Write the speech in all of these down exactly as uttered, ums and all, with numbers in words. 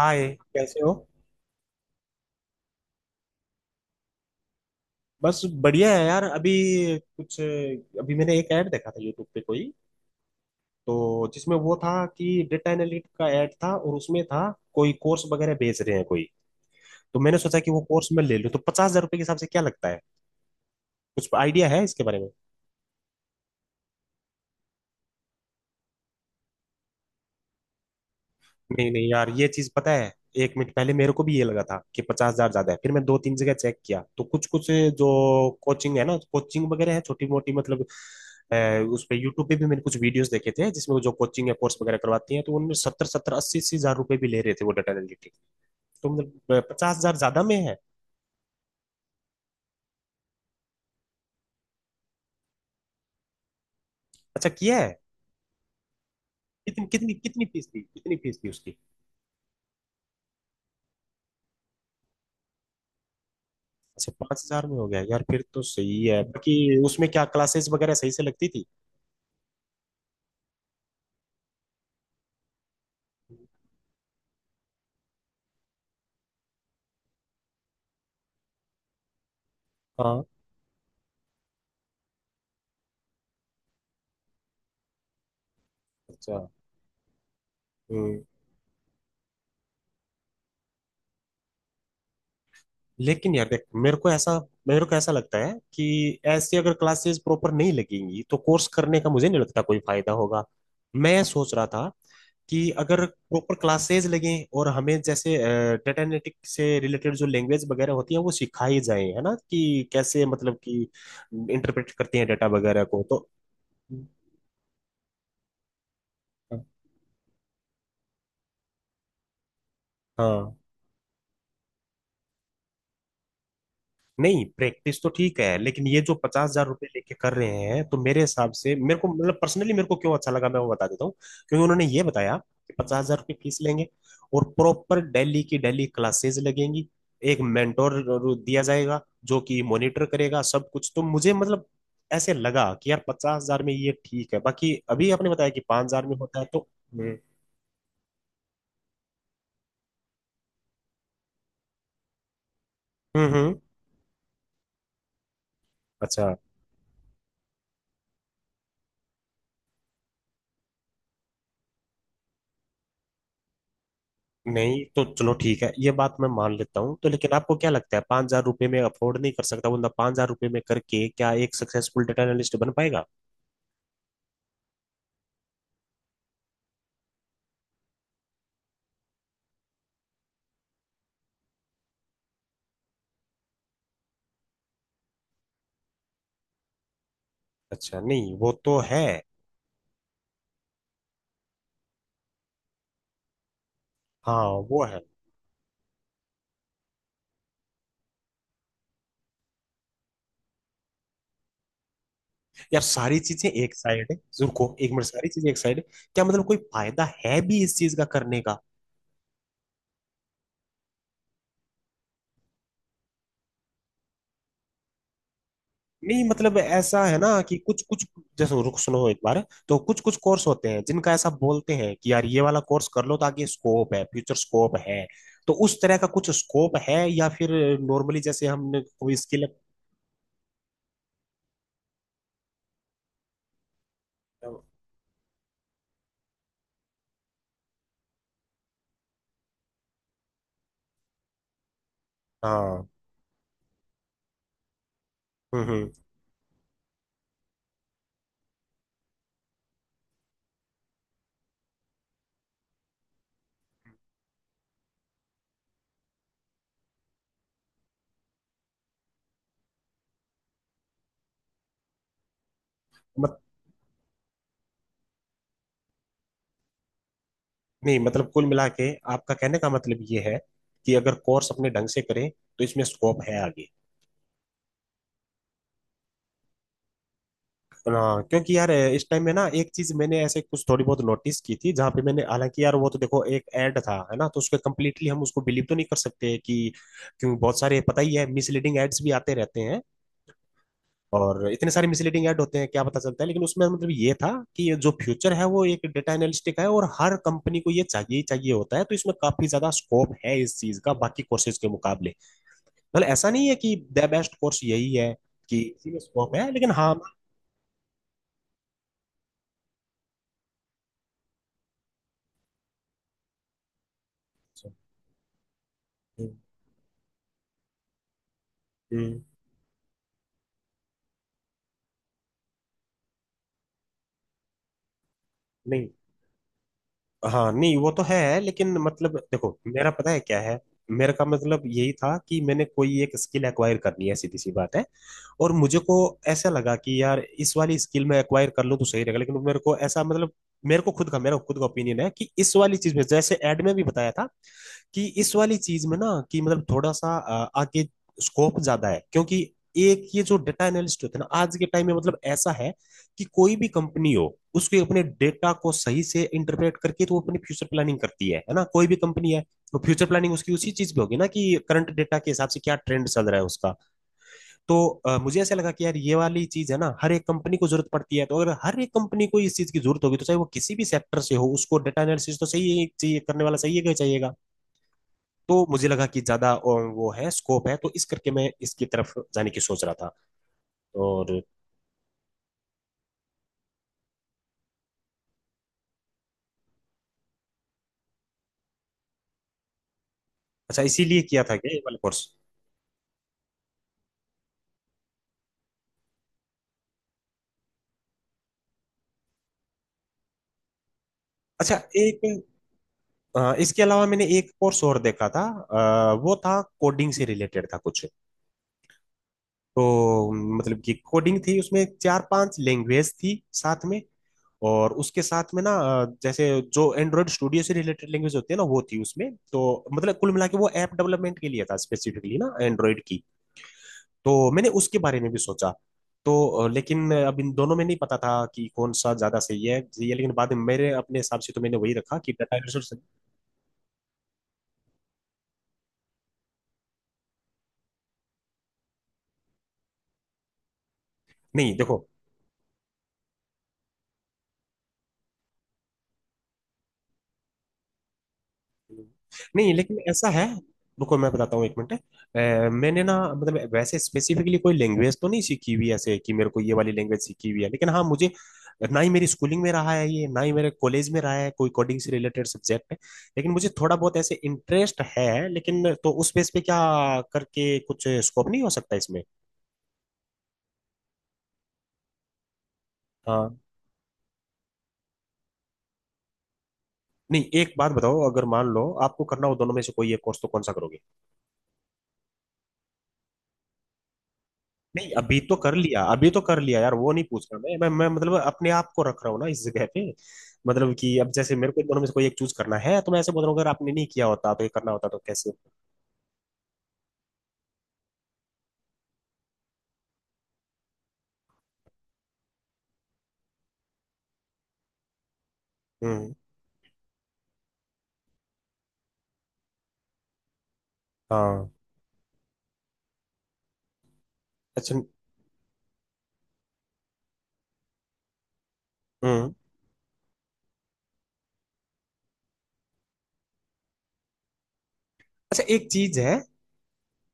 हाय, कैसे हो। बस बढ़िया है यार। अभी कुछ, अभी मैंने एक ऐड देखा था यूट्यूब पे कोई, तो जिसमें वो था कि डेटा एनालिटिक का ऐड था और उसमें था, कोई कोर्स वगैरह बेच रहे हैं कोई। तो मैंने सोचा कि वो कोर्स मैं ले लूं, तो पचास हजार रुपये के हिसाब से क्या लगता है, कुछ आइडिया है इसके बारे में। नहीं नहीं यार, ये चीज पता है। एक मिनट पहले मेरे को भी ये लगा था कि पचास हजार ज्यादा है, फिर मैं दो तीन जगह चेक किया तो कुछ कुछ, जो कोचिंग है ना, कोचिंग वगैरह है छोटी मोटी मतलब अ, उस पे यूट्यूब पे भी मैंने कुछ वीडियोस देखे थे, जिसमें वो जो कोचिंग है कोर्स वगैरह करवाती है, तो उनमें सत्तर सत्तर अस्सी अस्सी हजार रुपए भी ले रहे थे वो डाटा एनालिटिक। तो मतलब पचास हजार ज्यादा में है। अच्छा, किया है। कितनी कितनी कितनी फीस थी, कितनी फीस थी उसकी अच्छा, पांच हजार में हो गया यार, फिर तो सही है बाकी। उसमें क्या क्लासेस वगैरह सही से लगती थी। हाँ, अच्छा। हम्म। लेकिन यार देख, मेरे को ऐसा मेरे को ऐसा लगता है कि ऐसे अगर क्लासेस प्रॉपर नहीं लगेंगी तो कोर्स करने का मुझे नहीं लगता कोई फायदा होगा। मैं सोच रहा था कि अगर प्रॉपर क्लासेस लगें और हमें जैसे डेटा एनालिटिक से रिलेटेड जो लैंग्वेज वगैरह होती है वो सिखाई जाए, है ना, कि कैसे मतलब कि इंटरप्रेट करते हैं डेटा वगैरह को, तो हाँ। नहीं प्रैक्टिस तो ठीक है, लेकिन ये जो पचास हजार रुपये लेके कर रहे हैं, तो मेरे हिसाब से, मेरे को मतलब पर्सनली मेरे को क्यों अच्छा लगा, मैं वो बता देता हूँ। क्योंकि उन्होंने ये बताया कि पचास हजार रुपये फीस लेंगे और प्रॉपर डेली की डेली क्लासेस लगेंगी, एक मेंटोर दिया जाएगा जो कि मॉनिटर करेगा सब कुछ, तो मुझे मतलब ऐसे लगा कि यार पचास हजार में ये ठीक है, बाकी अभी आपने बताया कि पांच हजार में होता है तो हम्म, हम्म हम्म, अच्छा। नहीं तो चलो ठीक है, ये बात मैं मान लेता हूँ, तो लेकिन आपको क्या लगता है, पांच हजार रुपये में अफोर्ड नहीं कर सकता बंदा, पांच हजार रुपये में करके क्या एक सक्सेसफुल डेटा एनालिस्ट बन पाएगा। अच्छा, नहीं वो तो है। हाँ वो है। यार सारी चीजें एक साइड है, रुको एक मिनट, सारी चीजें एक साइड है। क्या मतलब कोई फायदा है भी इस चीज का करने का। नहीं मतलब ऐसा है ना कि कुछ कुछ, जैसे रुक, सुनो एक बार। तो कुछ कुछ कोर्स होते हैं जिनका ऐसा बोलते हैं कि यार ये वाला कोर्स कर लो ताकि स्कोप है, फ्यूचर स्कोप है। तो उस तरह का कुछ स्कोप है या फिर नॉर्मली जैसे हमने कोई स्किल, हाँ। हम्म, हम्म। मत, नहीं मतलब कुल मिला के आपका कहने का मतलब ये है कि अगर कोर्स अपने ढंग से करें तो इसमें स्कोप है आगे। हाँ क्योंकि यार इस टाइम में ना एक चीज मैंने ऐसे कुछ थोड़ी बहुत नोटिस की थी, जहाँ पे मैंने, हालांकि यार वो तो देखो एक ऐड था, है ना, तो उसको कम्प्लीटली हम उसको बिलीव तो नहीं कर सकते कि, क्योंकि बहुत सारे पता ही है मिसलीडिंग एड्स भी आते रहते हैं। और इतने सारे मिसलीडिंग ऐड होते हैं, क्या पता चलता है, लेकिन उसमें मतलब ये था कि जो फ्यूचर है वो एक डेटा एनालिस्टिक है, और हर कंपनी को ये चाहिए ही चाहिए होता है, तो इसमें काफी ज्यादा स्कोप है इस चीज का बाकी कोर्सेज के मुकाबले। मतलब ऐसा नहीं है कि द बेस्ट कोर्स यही है, कि इसी में स्कोप है, लेकिन हाँ। हम्म, हम्म, नहीं हाँ, नहीं वो तो है, लेकिन मतलब देखो मेरा पता है क्या है। मेरे का मतलब यही था कि मैंने कोई एक स्किल एक्वायर करनी है, सीधी सी बात है। और मुझे को ऐसा लगा कि यार इस वाली स्किल में एक्वायर कर लूँ तो सही रहेगा, लेकिन मेरे को ऐसा मतलब, मेरे को खुद का मेरा खुद का ओपिनियन है कि इस वाली चीज में जैसे एड में भी बताया था कि इस वाली चीज में ना, कि मतलब थोड़ा सा अ, आगे स्कोप ज्यादा है क्योंकि, एक ये जो डेटा एनालिस्ट होते हैं ना आज के टाइम में मतलब ऐसा है कि कोई भी कंपनी हो, उसके अपने डेटा को सही से इंटरप्रेट करके तो वो अपनी फ्यूचर प्लानिंग करती है है ना, कोई भी कंपनी है। तो फ्यूचर प्लानिंग उसकी उसी चीज पे होगी ना, कि करंट डेटा के हिसाब से क्या ट्रेंड चल रहा है उसका। तो अ, मुझे ऐसा लगा कि यार ये वाली चीज है ना हर एक कंपनी को जरूरत पड़ती है, तो अगर हर एक कंपनी को इस चीज की जरूरत होगी, तो चाहे वो किसी भी सेक्टर से हो उसको डेटा एनालिसिस तो सही है- चाहिए, करने वाला सही है चाहिएगा। तो मुझे लगा कि ज्यादा और वो है स्कोप है, तो इस करके मैं इसकी तरफ जाने की सोच रहा था। और अच्छा, इसीलिए किया था क्या ये वाला कोर्स। अच्छा एक, अ, इसके अलावा मैंने एक कोर्स और देखा था अ, वो था कोडिंग से रिलेटेड था कुछ। तो मतलब कि कोडिंग थी उसमें चार पांच लैंग्वेज थी साथ में, और उसके साथ में ना अ, जैसे जो एंड्रॉयड स्टूडियो से रिलेटेड लैंग्वेज होती है ना, वो थी उसमें तो मतलब कुल मिला के वो ऐप डेवलपमेंट के लिए था स्पेसिफिकली ना, एंड्रॉयड की। तो मैंने उसके बारे में भी सोचा। तो अ, लेकिन अब इन दोनों में नहीं पता था कि कौन सा ज्यादा सही है, सही है लेकिन बाद में मेरे अपने हिसाब से तो मैंने वही रखा कि डाटा रिसोर्स। नहीं देखो, नहीं लेकिन ऐसा है, रुको मैं बताता हूँ एक मिनट, अ, मैंने ना मतलब वैसे स्पेसिफिकली कोई लैंग्वेज तो नहीं सीखी हुई ऐसे कि मेरे को ये वाली लैंग्वेज सीखी हुई है, लेकिन हाँ मुझे, ना ही मेरी स्कूलिंग में रहा है ये, ना ही मेरे कॉलेज में रहा है कोई कोडिंग से रिलेटेड सब्जेक्ट है, लेकिन मुझे थोड़ा बहुत ऐसे इंटरेस्ट है, लेकिन तो उस बेस पे क्या करके कुछ स्कोप नहीं हो सकता इसमें। हाँ, नहीं एक बात बताओ, अगर मान लो आपको करना हो दोनों में से कोई एक कोर्स, तो कौन सा करोगे। नहीं अभी तो कर लिया, अभी तो कर लिया यार, वो नहीं पूछ रहा मैं, मैं, मैं मतलब अपने आप को रख रहा हूँ ना इस जगह पे। मतलब कि अब जैसे मेरे को इन दोनों में से कोई एक चूज करना है, तो मैं ऐसे बोल रहा हूँ अगर आपने नहीं किया होता तो ये करना होता तो कैसे। हम्म, हाँ, अच्छा। हम्म, अच्छा एक चीज है,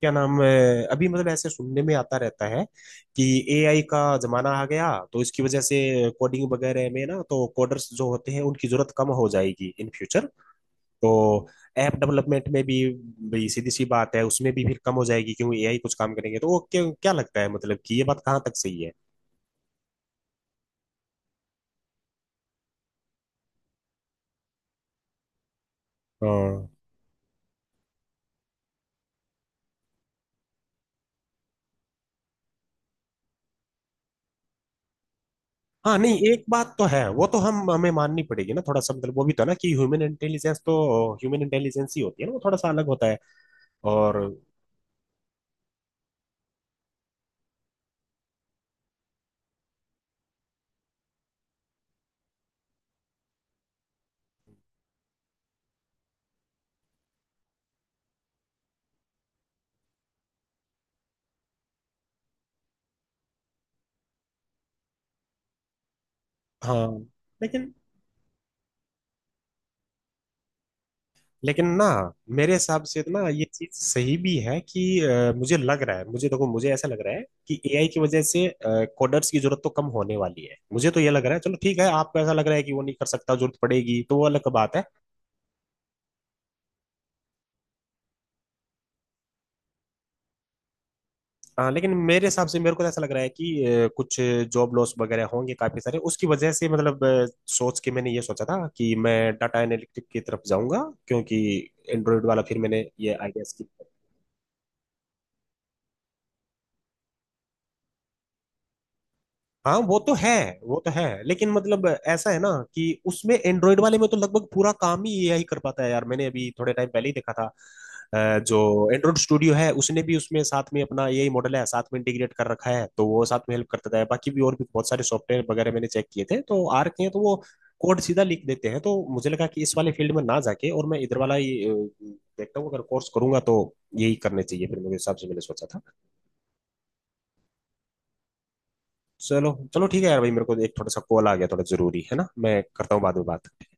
क्या नाम है, अभी मतलब ऐसे सुनने में आता रहता है कि ए आई का जमाना आ गया, तो इसकी वजह से कोडिंग वगैरह में ना तो कोडर्स जो होते हैं उनकी जरूरत कम हो जाएगी इन फ्यूचर। तो ऐप डेवलपमेंट में भी, भाई सीधी सी बात है उसमें भी फिर कम हो जाएगी क्योंकि ए आई कुछ काम करेंगे, तो वो क्या, क्या लगता है मतलब कि ये बात कहाँ तक सही है। हाँ हाँ, नहीं एक बात तो है वो तो हम हमें माननी पड़ेगी ना, थोड़ा सा मतलब वो भी तो है ना कि ह्यूमन इंटेलिजेंस तो, ह्यूमन इंटेलिजेंस ही होती है ना, वो थोड़ा सा अलग होता है। और हाँ, लेकिन लेकिन ना मेरे हिसाब से तो ना ये चीज सही भी है कि अ, मुझे लग रहा है, मुझे देखो मुझे ऐसा लग रहा है कि एआई की वजह से कोडर्स की जरूरत तो कम होने वाली है, मुझे तो ये लग रहा है। चलो ठीक है, आपको ऐसा लग रहा है कि वो नहीं कर सकता, जरूरत पड़ेगी तो वो अलग बात है। अ, लेकिन मेरे हिसाब से मेरे को तो ऐसा लग रहा है कि अ, कुछ जॉब लॉस वगैरह होंगे काफी सारे उसकी वजह से, मतलब अ, सोच के मैंने ये सोचा था कि मैं डाटा एनालिटिक की तरफ जाऊंगा, क्योंकि एंड्रॉइड वाला फिर मैंने ये आइडिया स्किप। हाँ वो तो है, वो तो है लेकिन मतलब ऐसा है ना कि उसमें एंड्रॉइड वाले में तो लगभग पूरा काम ही ए आई कर पाता है यार, मैंने अभी थोड़े टाइम पहले ही देखा था अ, जो एंड्रॉइड स्टूडियो है उसने भी उसमें साथ में अपना ए आई मॉडल है साथ में इंटीग्रेट कर रखा है, तो वो साथ में हेल्प करता है, बाकी भी और भी बहुत सारे सॉफ्टवेयर वगैरह मैंने चेक किए थे तो आर के हैं, तो वो कोड सीधा लिख देते हैं, तो मुझे लगा कि इस वाले फील्ड में ना जाके और मैं इधर वाला ही अ, देखता हूँ, अगर कोर्स करूंगा तो यही करने चाहिए फिर मेरे हिसाब से मैंने सोचा था। चलो चलो ठीक है यार भाई, मेरे को एक थोड़ा सा कॉल आ गया, थोड़ा जरूरी है ना, मैं करता हूँ बाद में बात।